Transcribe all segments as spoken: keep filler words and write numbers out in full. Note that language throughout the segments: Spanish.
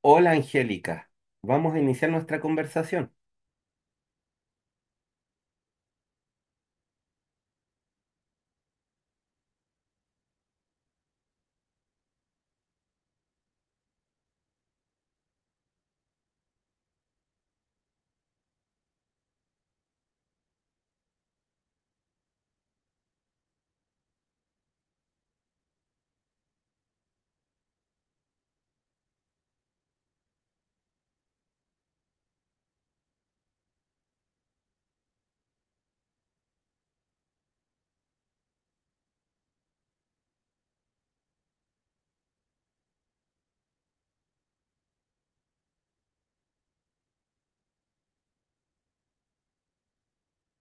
Hola Angélica, vamos a iniciar nuestra conversación.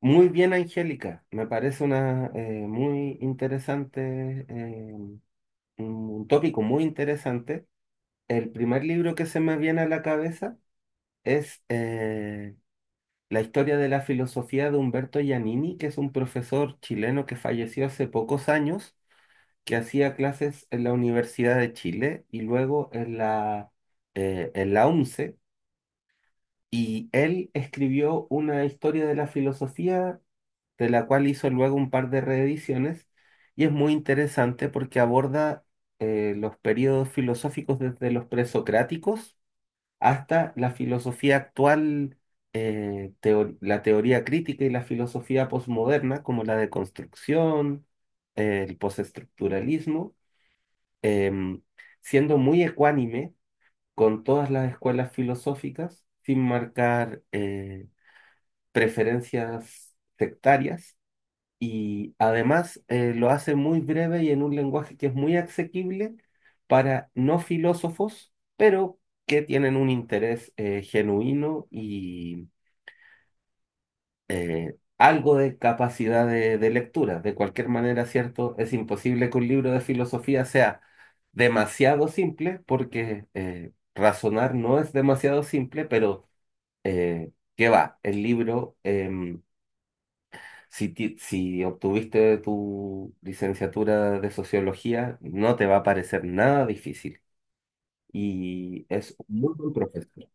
Muy bien, Angélica, me parece una eh, muy interesante, eh, un tópico muy interesante. El primer libro que se me viene a la cabeza es eh, La historia de la filosofía de Humberto Giannini, que es un profesor chileno que falleció hace pocos años, que hacía clases en la Universidad de Chile y luego en la, eh, en la U N C E. Y él escribió una historia de la filosofía, de la cual hizo luego un par de reediciones, y es muy interesante porque aborda eh, los periodos filosóficos desde los presocráticos hasta la filosofía actual, eh, teo- la teoría crítica y la filosofía posmoderna, como la deconstrucción, eh, el postestructuralismo, em, siendo muy ecuánime con todas las escuelas filosóficas, sin marcar... eh, preferencias sectarias, y además eh, lo hace muy breve y en un lenguaje que es muy asequible para no filósofos, pero que tienen un interés eh, genuino y eh, algo de capacidad de, de lectura. De cualquier manera, cierto, es imposible que un libro de filosofía sea demasiado simple porque eh, razonar no es demasiado simple, pero... eh, ¿qué va? El libro eh, Si, ti- si obtuviste tu licenciatura de sociología, no te va a parecer nada difícil. Y es un muy buen profesor.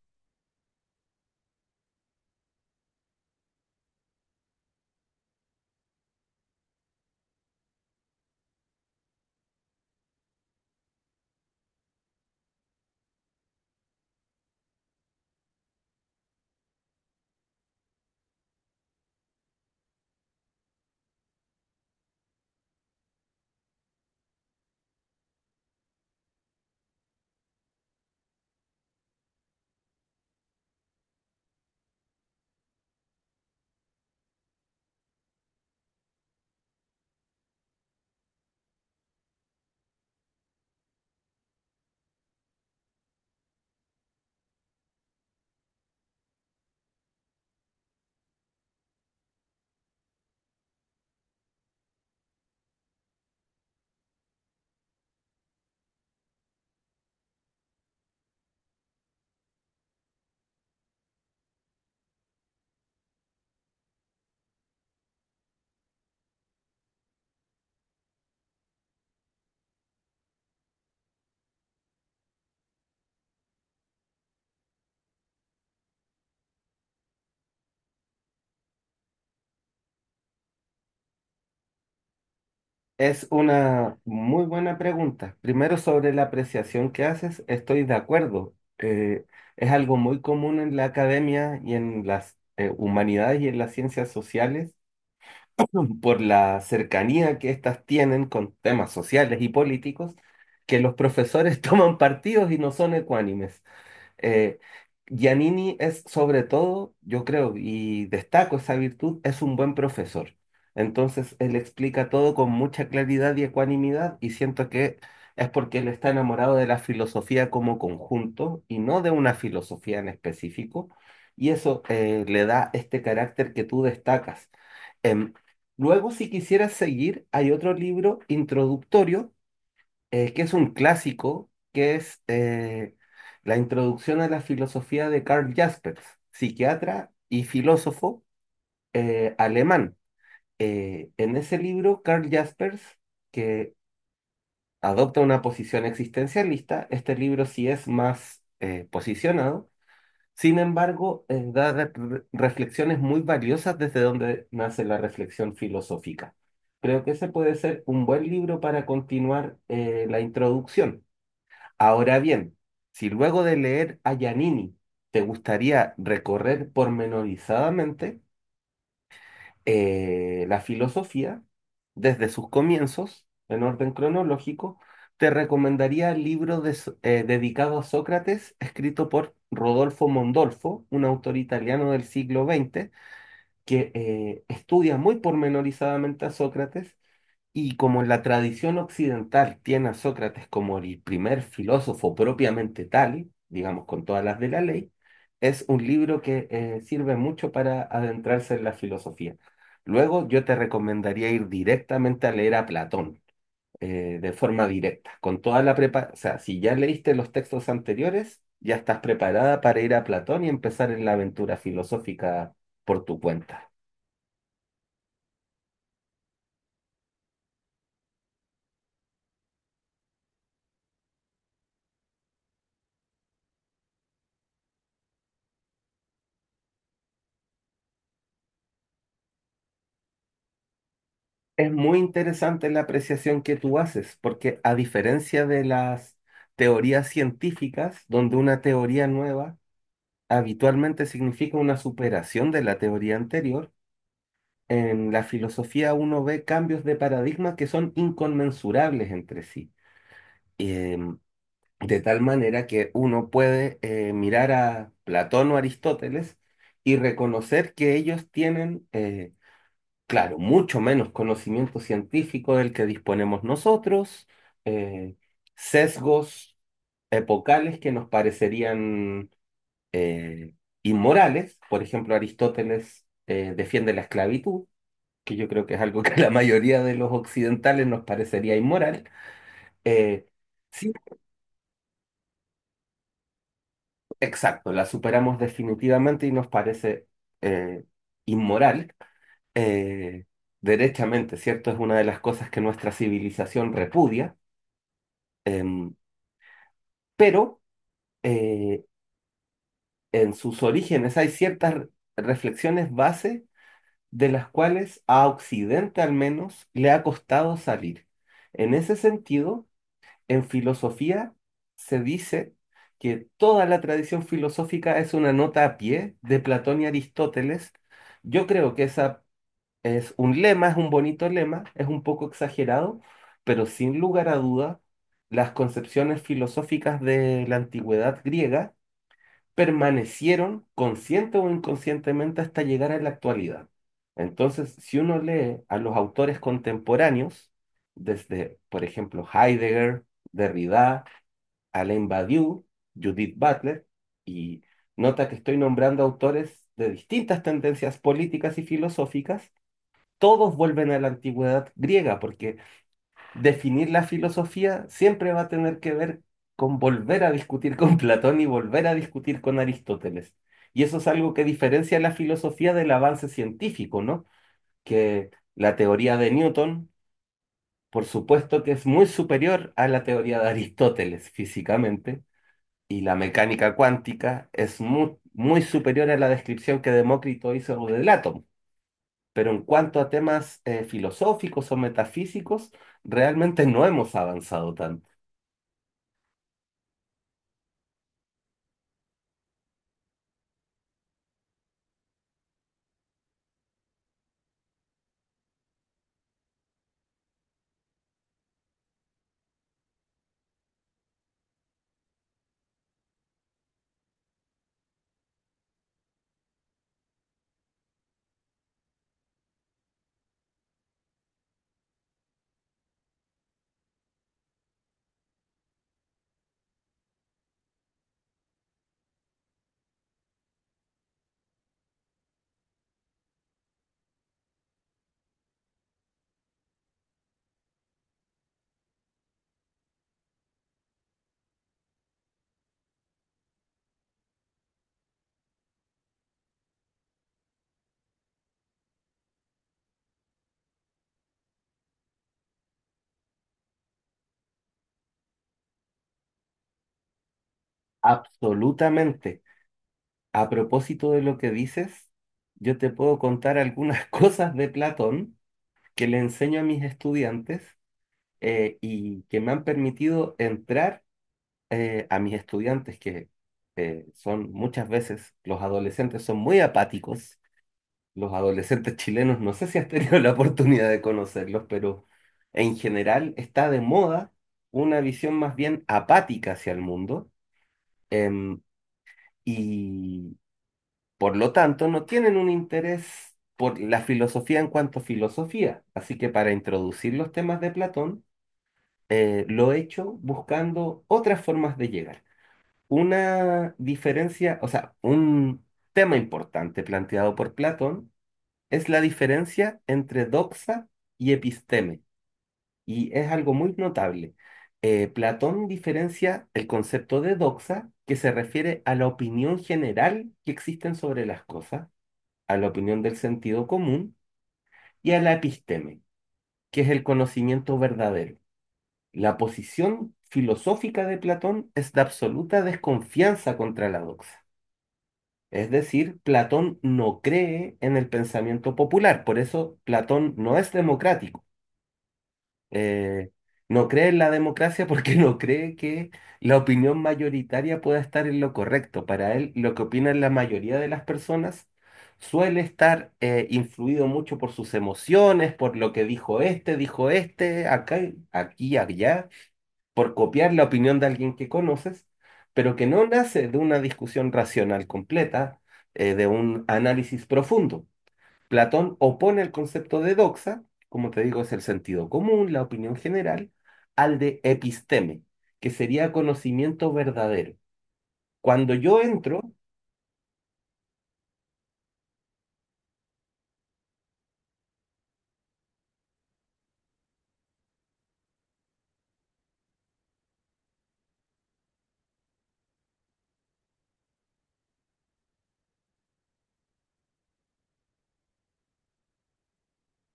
Es una muy buena pregunta. Primero, sobre la apreciación que haces, estoy de acuerdo. Eh, es algo muy común en la academia y en las eh, humanidades y en las ciencias sociales, por la cercanía que éstas tienen con temas sociales y políticos, que los profesores toman partidos y no son ecuánimes. Eh, Giannini es sobre todo, yo creo, y destaco esa virtud, es un buen profesor. Entonces, él explica todo con mucha claridad y ecuanimidad, y siento que es porque él está enamorado de la filosofía como conjunto y no de una filosofía en específico. Y eso eh, le da este carácter que tú destacas. Em, Luego, si quisieras seguir, hay otro libro introductorio eh, que es un clásico, que es eh, la introducción a la filosofía de Karl Jaspers, psiquiatra y filósofo eh, alemán. Eh, en ese libro, Karl Jaspers, que adopta una posición existencialista, este libro sí es más eh, posicionado. Sin embargo, eh, da re- re- reflexiones muy valiosas desde donde nace la reflexión filosófica. Creo que ese puede ser un buen libro para continuar eh, la introducción. Ahora bien, si luego de leer a Giannini te gustaría recorrer pormenorizadamente eh, la filosofía desde sus comienzos, en orden cronológico, te recomendaría el libro de So- eh, dedicado a Sócrates, escrito por Rodolfo Mondolfo, un autor italiano del siglo veinte, que eh, estudia muy pormenorizadamente a Sócrates. Y como la tradición occidental tiene a Sócrates como el primer filósofo propiamente tal, digamos, con todas las de la ley, es un libro que eh, sirve mucho para adentrarse en la filosofía. Luego yo te recomendaría ir directamente a leer a Platón, eh, de forma directa, con toda la prepa, o sea, si ya leíste los textos anteriores, ya estás preparada para ir a Platón y empezar en la aventura filosófica por tu cuenta. Es muy interesante la apreciación que tú haces, porque a diferencia de las teorías científicas, donde una teoría nueva habitualmente significa una superación de la teoría anterior, en la filosofía uno ve cambios de paradigma que son inconmensurables entre sí. Em, de tal manera que uno puede eh, mirar a Platón o Aristóteles y reconocer que ellos tienen... eh, claro, mucho menos conocimiento científico del que disponemos nosotros, eh, sesgos epocales que nos parecerían eh, inmorales. Por ejemplo, Aristóteles eh, defiende la esclavitud, que yo creo que es algo que a la mayoría de los occidentales nos parecería inmoral. Eh, sí, exacto, la superamos definitivamente y nos parece eh, inmoral. eh, Derechamente, ¿cierto? Es una de las cosas que nuestra civilización repudia. Em, pero eh, en sus orígenes hay ciertas re- reflexiones base de las cuales a Occidente al menos le ha costado salir. En ese sentido, en filosofía se dice que toda la tradición filosófica es una nota a pie de Platón y Aristóteles. Yo creo que esa es un lema, es un bonito lema, es un poco exagerado, pero sin lugar a duda, las concepciones filosóficas de la antigüedad griega permanecieron consciente o inconscientemente hasta llegar a la actualidad. Entonces, si uno lee a los autores contemporáneos, desde, por ejemplo, Heidegger, Derrida, Alain Badiou, Judith Butler, y nota que estoy nombrando autores de distintas tendencias políticas y filosóficas, todos vuelven a la antigüedad griega, porque definir la filosofía siempre va a tener que ver con volver a discutir con Platón y volver a discutir con Aristóteles. Y eso es algo que diferencia la filosofía del avance científico, ¿no? Que la teoría de Newton, por supuesto que es muy superior a la teoría de Aristóteles físicamente, y la mecánica cuántica es muy, muy superior a la descripción que Demócrito hizo del átomo. Pero en cuanto a temas eh, filosóficos o metafísicos, realmente no hemos avanzado tanto. Absolutamente. A propósito de lo que dices, yo te puedo contar algunas cosas de Platón que le enseño a mis estudiantes eh, y que me han permitido entrar eh, a mis estudiantes, que eh, son muchas veces, los adolescentes son muy apáticos. Los adolescentes chilenos, no sé si has tenido la oportunidad de conocerlos, pero en general está de moda una visión más bien apática hacia el mundo. em, y por lo tanto, no tienen un interés por la filosofía en cuanto a filosofía. Así que para introducir los temas de Platón, eh, lo he hecho buscando otras formas de llegar. Una diferencia, o sea, un tema importante planteado por Platón es la diferencia entre doxa y episteme. Y es algo muy notable. Eh, Platón diferencia el concepto de doxa, que se refiere a la opinión general que existen sobre las cosas, a la opinión del sentido común, y a la episteme, que es el conocimiento verdadero. La posición filosófica de Platón es de absoluta desconfianza contra la doxa. Es decir, Platón no cree en el pensamiento popular, por eso Platón no es democrático. eh, no cree en la democracia porque no cree que la opinión mayoritaria pueda estar en lo correcto. Para él, lo que opinan la mayoría de las personas suele estar eh, influido mucho por sus emociones, por lo que dijo este, dijo este, acá, aquí, allá, por copiar la opinión de alguien que conoces, pero que no nace de una discusión racional completa, eh, de un análisis profundo. Platón opone el concepto de doxa, como te digo, es el sentido común, la opinión general, al de episteme, que sería conocimiento verdadero. Cuando yo entro,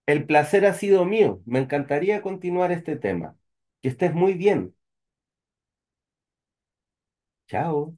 el placer ha sido mío. Me encantaría continuar este tema. Que estés muy bien. Chao.